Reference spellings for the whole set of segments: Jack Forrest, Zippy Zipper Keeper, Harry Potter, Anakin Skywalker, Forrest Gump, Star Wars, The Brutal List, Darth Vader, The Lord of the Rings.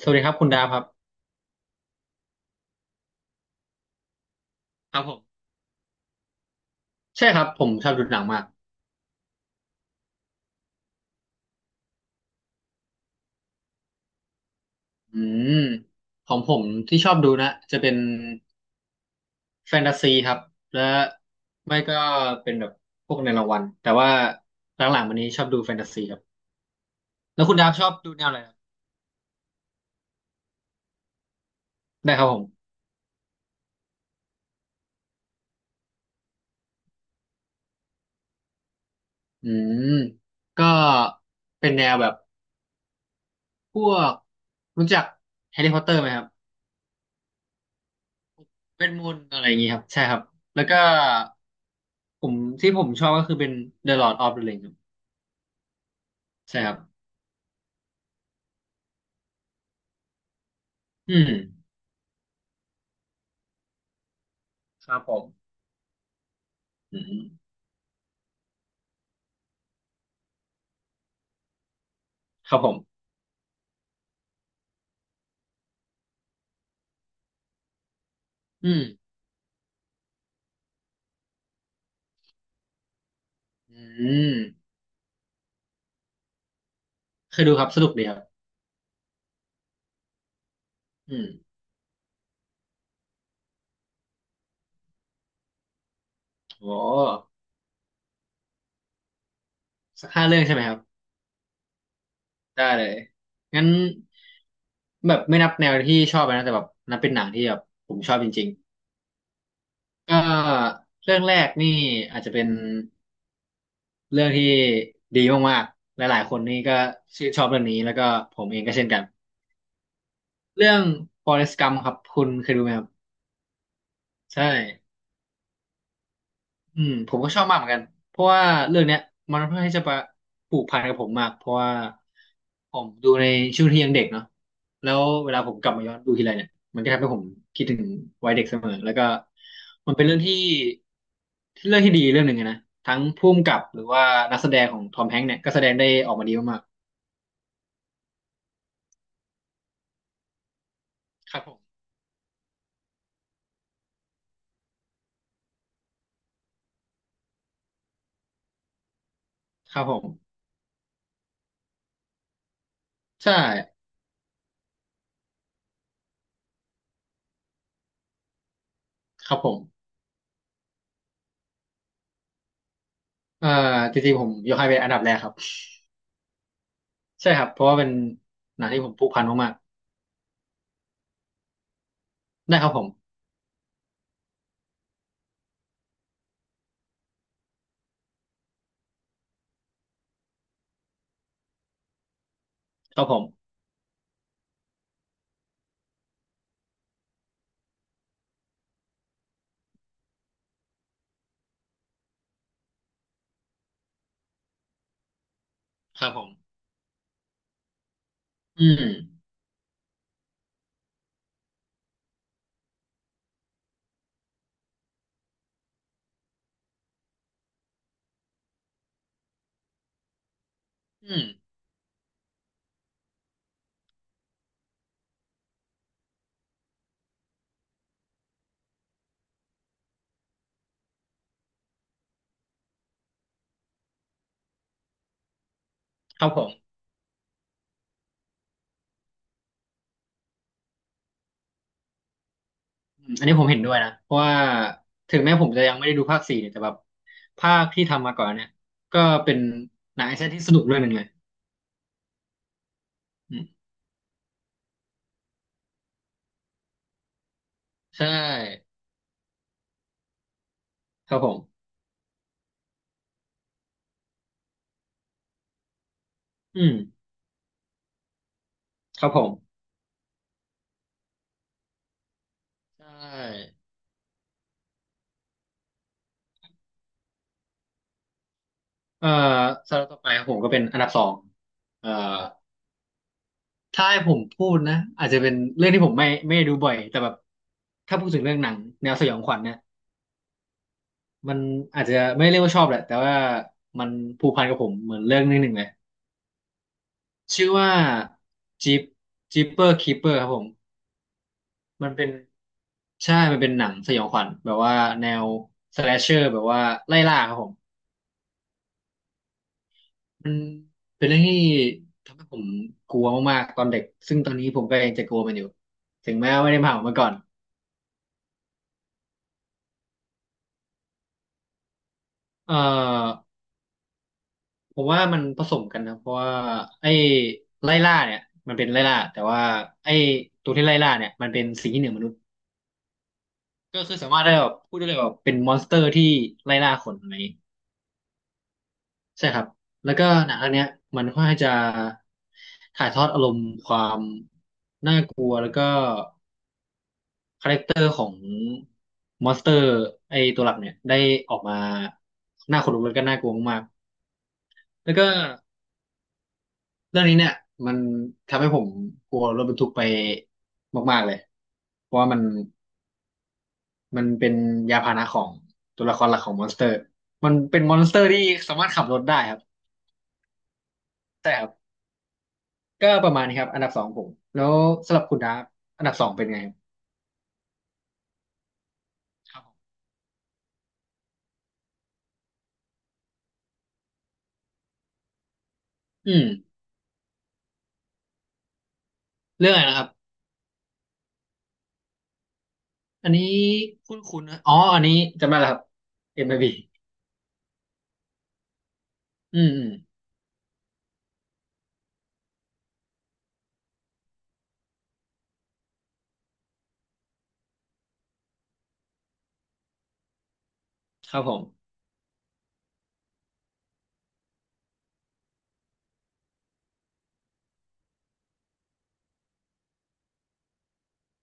สวัสดีครับคุณดาฟครับครับผมใช่ครับผมชอบดูหนังมากอืมของผมที่ชอบดูนะจะเป็นแฟนตาซีครับและไม่ก็เป็นแบบพวกในรางวัลแต่ว่าหลังๆวันนี้ชอบดูแฟนตาซีครับแล้วคุณดาฟชอบดูแนวอะไรครับได้ครับผมอืมก็เป็นแนวแบบพวกรู้จักแฮร์รี่พอตเตอร์ไหมครับเวทมนต์อะไรอย่างงี้ครับใช่ครับแล้วก็ผมที่ผมชอบก็คือเป็น The Lord of the Rings ครับใช่ครับอืมครับผม อืมครับผมอืมอืมเคยดูครับสนุกดีครับอืมโอ้สักห้าเรื่องใช่ไหมครับ ได้เลย งั้นแบบไม่นับแนวที่ชอบนะแต่แบบนับเป็นหนังที่แบบผมชอบจริงๆก็เรื่องแรกนี่อาจจะเป็นเรื่องที่ดีมากๆ หลายๆคนนี่ก็ชื่นชอบเรื่องนี้แล้วก็ผมเองก็เช่นกันเรื่อง Forrest Gump ครับคุณเคยดูไหมครับใช่ อืมผมก็ชอบมากเหมือนกันเพราะว่าเรื่องเนี้ยมันเพื่อนที่จะมาผูกพันกับผมมากเพราะว่าผมดูในช่วงที่ยังเด็กเนาะแล้วเวลาผมกลับมาย้อนดูทีไรเนี่ยมันก็ทำให้ผมคิดถึงวัยเด็กเสมอแล้วก็มันเป็นเรื่องที่เรื่องที่ดีเรื่องหนึ่งอะนะทั้งผู้กำกับหรือว่านักแสดงของทอมแฮงค์เนี่ยก็แสดงได้ออกมาดีมากๆครับผมครับผมใช่ครับผมเอ่อจริงๆผมยกให้เป็นอันดับแรกครับใช่ครับเพราะว่าเป็นหนังที่ผมผูกพันมากๆได้ครับผมครับผมครับผม อืมอืมครับผมอืมอันนี้ผมเห็นด้วยนะเพราะว่าถึงแม้ผมจะยังไม่ได้ดูภาคสี่เนี่ยแต่แบบภาคที่ทำมาก่อนเนี่ยก็เป็นหนังแอคชั่นที่สนุกเรื่องหนึ่งเลยอืมใช่ครับผมอืมครับผมใช่เอ่อสำหรับต่อไปผมก็เป็นอันดับสองเอ่อถ้าให้ผมพูดนะอาจจะเป็นเรื่องที่ผมไม่ได้ดูบ่อยแต่แบบถ้าพูดถึงเรื่องหนังแนวสยองขวัญเนี่ยมันอาจจะไม่เรียกว่าชอบแหละแต่ว่ามันผูกพันกับผมเหมือนเรื่องนึงหนึ่งเลย ชื่อว่าจิปจิปเปอร์คีเปอร์ครับผมมันเป็นใช่มันเป็นหนังสยองขวัญแบบว่าแนวสแลชเชอร์แบบว่าไล่ล่าครับผมมันเป็นเรื่องที่ทำให้ผมกลัวมากๆตอนเด็กซึ่งตอนนี้ผมก็ยังจะกลัวมันอยู่ถึงแม้ว่าไม่ได้มาขอมันก่อนเอ่อผมว่ามันผสมกันนะเพราะว่าไอ้ไล่ล่าเนี่ยมันเป็นไล่ล่าแต่ว่าไอ้ตัวที่ไล่ล่าเนี่ยมันเป็นสิ่งที่เหนือมนุษย์ก็คือสามารถได้แบบพูดได้เลยว่าเป็นมอนสเตอร์ที่ไล่ล่าคนอะไร ใช่ครับแล้วก็หนังเรื่องเนี้ยมันค่อนข้างจะถ่ายทอดอารมณ์ความน่ากลัวแล้วก็คาแรคเตอร์ของมอนสเตอร์ไอตัวหลักเนี่ยได้ออกมาน่าขนลุกแล้วก็น่ากลัวมากๆแล้วก็เรื่องนี้เนี่ยมันทำให้ผมกลัวรถบรรทุกไปมากๆเลยเพราะว่ามันเป็นยานพาหนะของตัวละครหลักของมอนสเตอร์มันเป็นมอนสเตอร์ที่สามารถขับรถได้ครับใช่ครับ ก็ประมาณนี้ครับอันดับสองผมแล้วสำหรับคุณดาร์ฟอันดับสองเป็นไงครับครับผมอืมเรื่องอะไรนะครับอันนี้คุ้นคุ้นะอ๋ออันนี้จำได้แล้วครับ MLB อมไอบีอืมอืมครับผม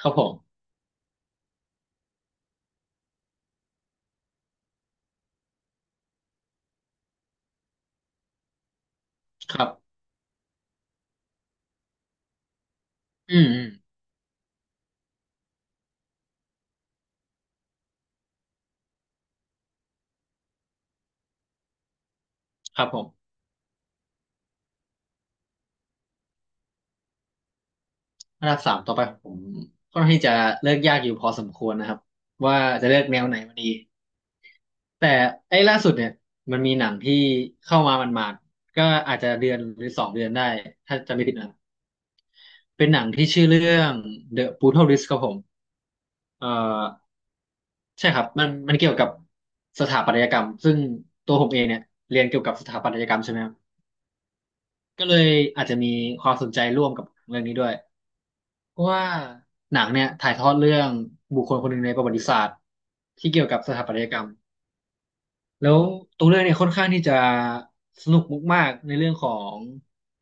ครับผมครับอืมอืมครับผมอันดับสามต่อไปผมค่อนข้างที่จะเลือกยากอยู่พอสมควรนะครับว่าจะเลือกแนวไหนมาดีแต่ไอ้ล่าสุดเนี่ยมันมีหนังที่เข้ามามันมาดๆก็อาจจะเดือนหรือสองเดือนได้ถ้าจำไม่ผิดนะเป็นหนังที่ชื่อเรื่อง The Brutal List ครับผม เอ่อใช่ครับมันเกี่ยวกับสถาปัตยกรรมซึ่งตัวผมเองเนี่ยเรียนเกี่ยวกับสถาปัตยกรรมใช่ไหมครับก็เลยอาจจะมีความสนใจร่วมกับเรื่องนี้ด้วยเพราะว่าหนังเนี่ยถ่ายทอดเรื่องบุคคลคนหนึ่งในประวัติศาสตร์ที่เกี่ยวกับสถาปัตยกรรมแล้วตัวเรื่องเนี่ยค่อนข้างที่จะสนุกมากๆในเรื่องของ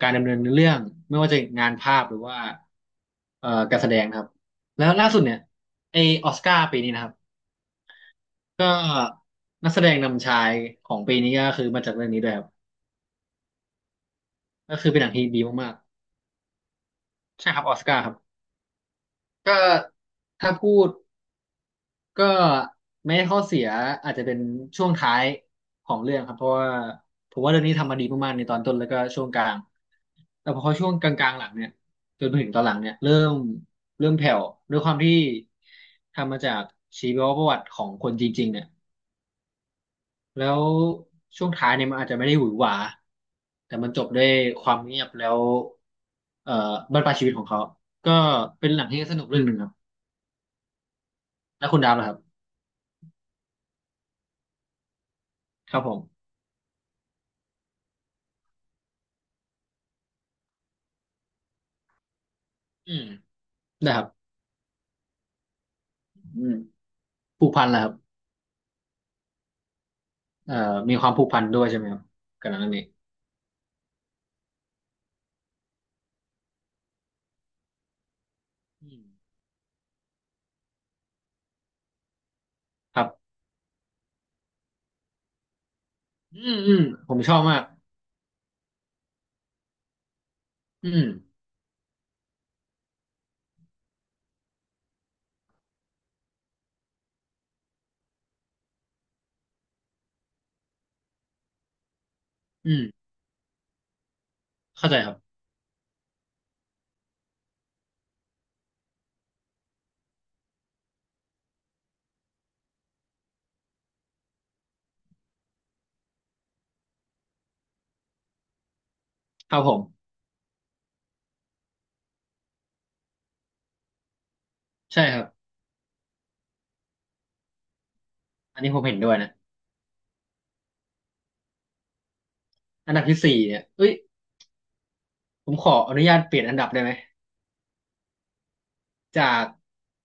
การดำเนินเรื่องไม่ว่าจะงานภาพหรือว่าการแสดงนะครับแล้วล่าสุดเนี่ยไอออสการ์ปีนี้นะครับ ก็นักแสดงนำชายของปีนี้ก็คือมาจากเรื่องนี้ด้วยครับก็คือเป็นหนังที่ดีมากๆใช่ครับออสการ์ครับก็ถ้าพูดก็แม้ข้อเสียอาจจะเป็นช่วงท้ายของเรื่องครับเพราะว่าผมว่าเรื่องนี้ทำมาดีมากๆในตอนต้นแล้วก็ช่วงกลางแต่พอช่วงกลางๆหลังเนี่ยจนถึงตอนหลังเนี่ยเริ่มแผ่วด้วยความที่ทำมาจากชีวประวัติของคนจริงๆเนี่ย แล้วช่วงท้ายเนี่ยมันอาจจะไม่ได้หวือหวาแต่มันจบด้วยความเงียบแล้วเอ่อบั้นปลายชีวิตของเขาก็เป็นหนังที่สนุกเรื่องหนึ่งครับแล้วคุณดาวล่ะครับครับผมอืมได้ครับอืมผูกพันล่ะครับเอ่อมีความผูกพันด้วยใช่ไหมครับกับหนังเรื่องนี้อืมครับอืมอืมผมชอบมากอืมอืมเข้าใจครับครับผมใช่ครับอันนี้ผมเห็นด้วยนะอันดับที่สี่เนี่ยเอ้ยผมขออนุญาตเปลี่ยนอันดับได้ไหม จาก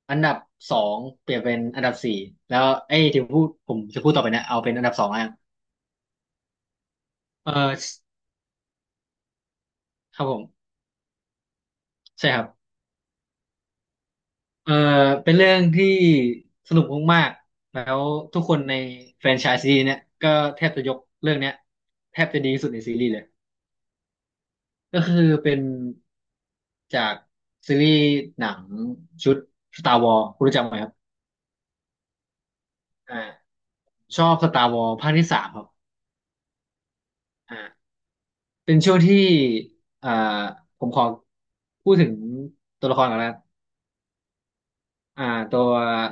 อันดับสองเปลี่ยนเป็นอันดับสี่แล้วไอ้ยที่พูดผมจะพูดต่อไปเนะเอาเป็นอันดับสองแล้วกันเออครับผมใช่ครับเออเป็นเรื่องที่สนุกมากๆแล้วทุกคนในแฟรนไชส์ซีรีส์เนี่ยก็แทบจะยกเรื่องเนี้ยแทบจะดีที่สุดในซีรีส์เลยก็คือเป็นจากซีรีส์หนังชุด Star Wars คุณรู้จักไหมครับอ่าชอบ Star Wars ภาคที่สามครับ เป็นช่วงที่อ่าผมขอพูดถึงตัวละครก่อนนะอ่าตัว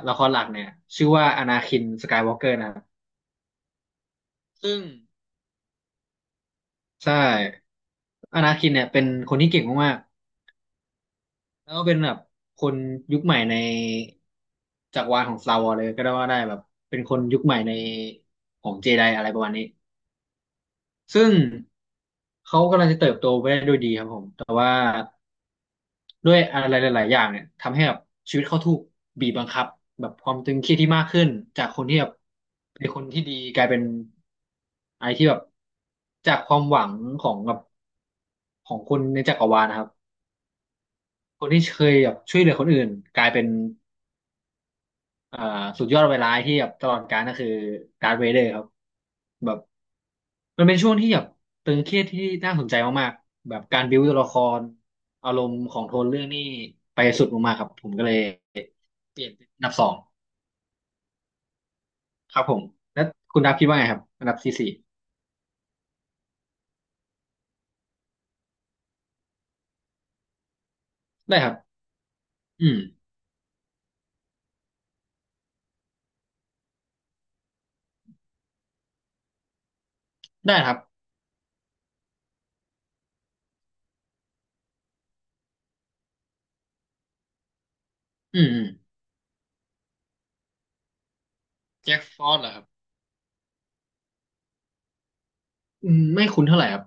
ละครหลักเนี่ยชื่อว่าอนาคินสกายวอล์กเกอร์นะครับซึ่งใช่อนาคินเนี่ยเป็นคนที่เก่งมากๆแล้วก็เป็นแบบคนยุคใหม่ในจักรวาลของ Star Wars เลยก็ได้ว่าได้แบบเป็นคนยุคใหม่ในของเจไดอะไรประมาณนี้ซึ่งเขากำลังจะเติบโตไปได้ด้วยดีครับผมแต่่วา ด้วยอะไรหลายๆอย่างเนี่ยทำให้แบบชีวิตเขาถูกบีบบังคับแบบความตึงเครียดที่มากขึ้นจากคนที่แบบเป็นคนที่ดีกลายเป็นไอะไรที่แบบจากความหวังของแบบของคนในจักรวาลนะครับคนที่เคยแบบช่วยเหลือคนอื่นกลายเป็นเอ่อสุดยอดเวลาที่แบบตลอดกาลก็คือดาร์ธเวเดอร์ครับแบบมันเป็นช่วงที่แบบตึงเครียดที่น่าสนใจมากๆแบบการบิวตัวละครอารมณ์ของโทนเรื่องนี่ไปสุดมากๆครับผมก็เลยเปลี่ยนเป็นอันดับสอง ครับผมแล้วคุณดับคิดว่าไงครับอันดับที่สี่ได้ครับอืมได้ครับอืมอืมแจ็คฟอรอสเหรอครับอืมไม่คุ้นเท่าไหร่ครับ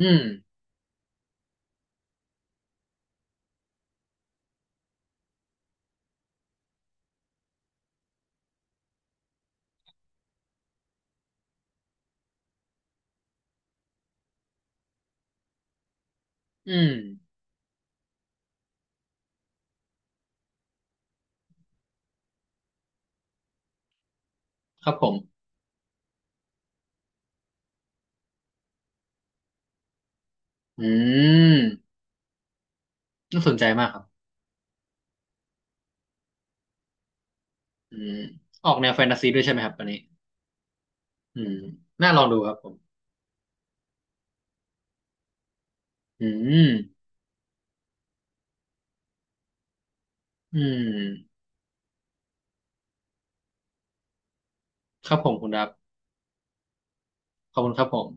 อืมอืมครับผมอืมน่าสนใจมากครับอืมออกแนวแฟนตาซีด้วยใช่ไหมครับอันนี้อืมน่าลองดูครับผมอืมอืมครับผมคุณดับขอบคุณครับผม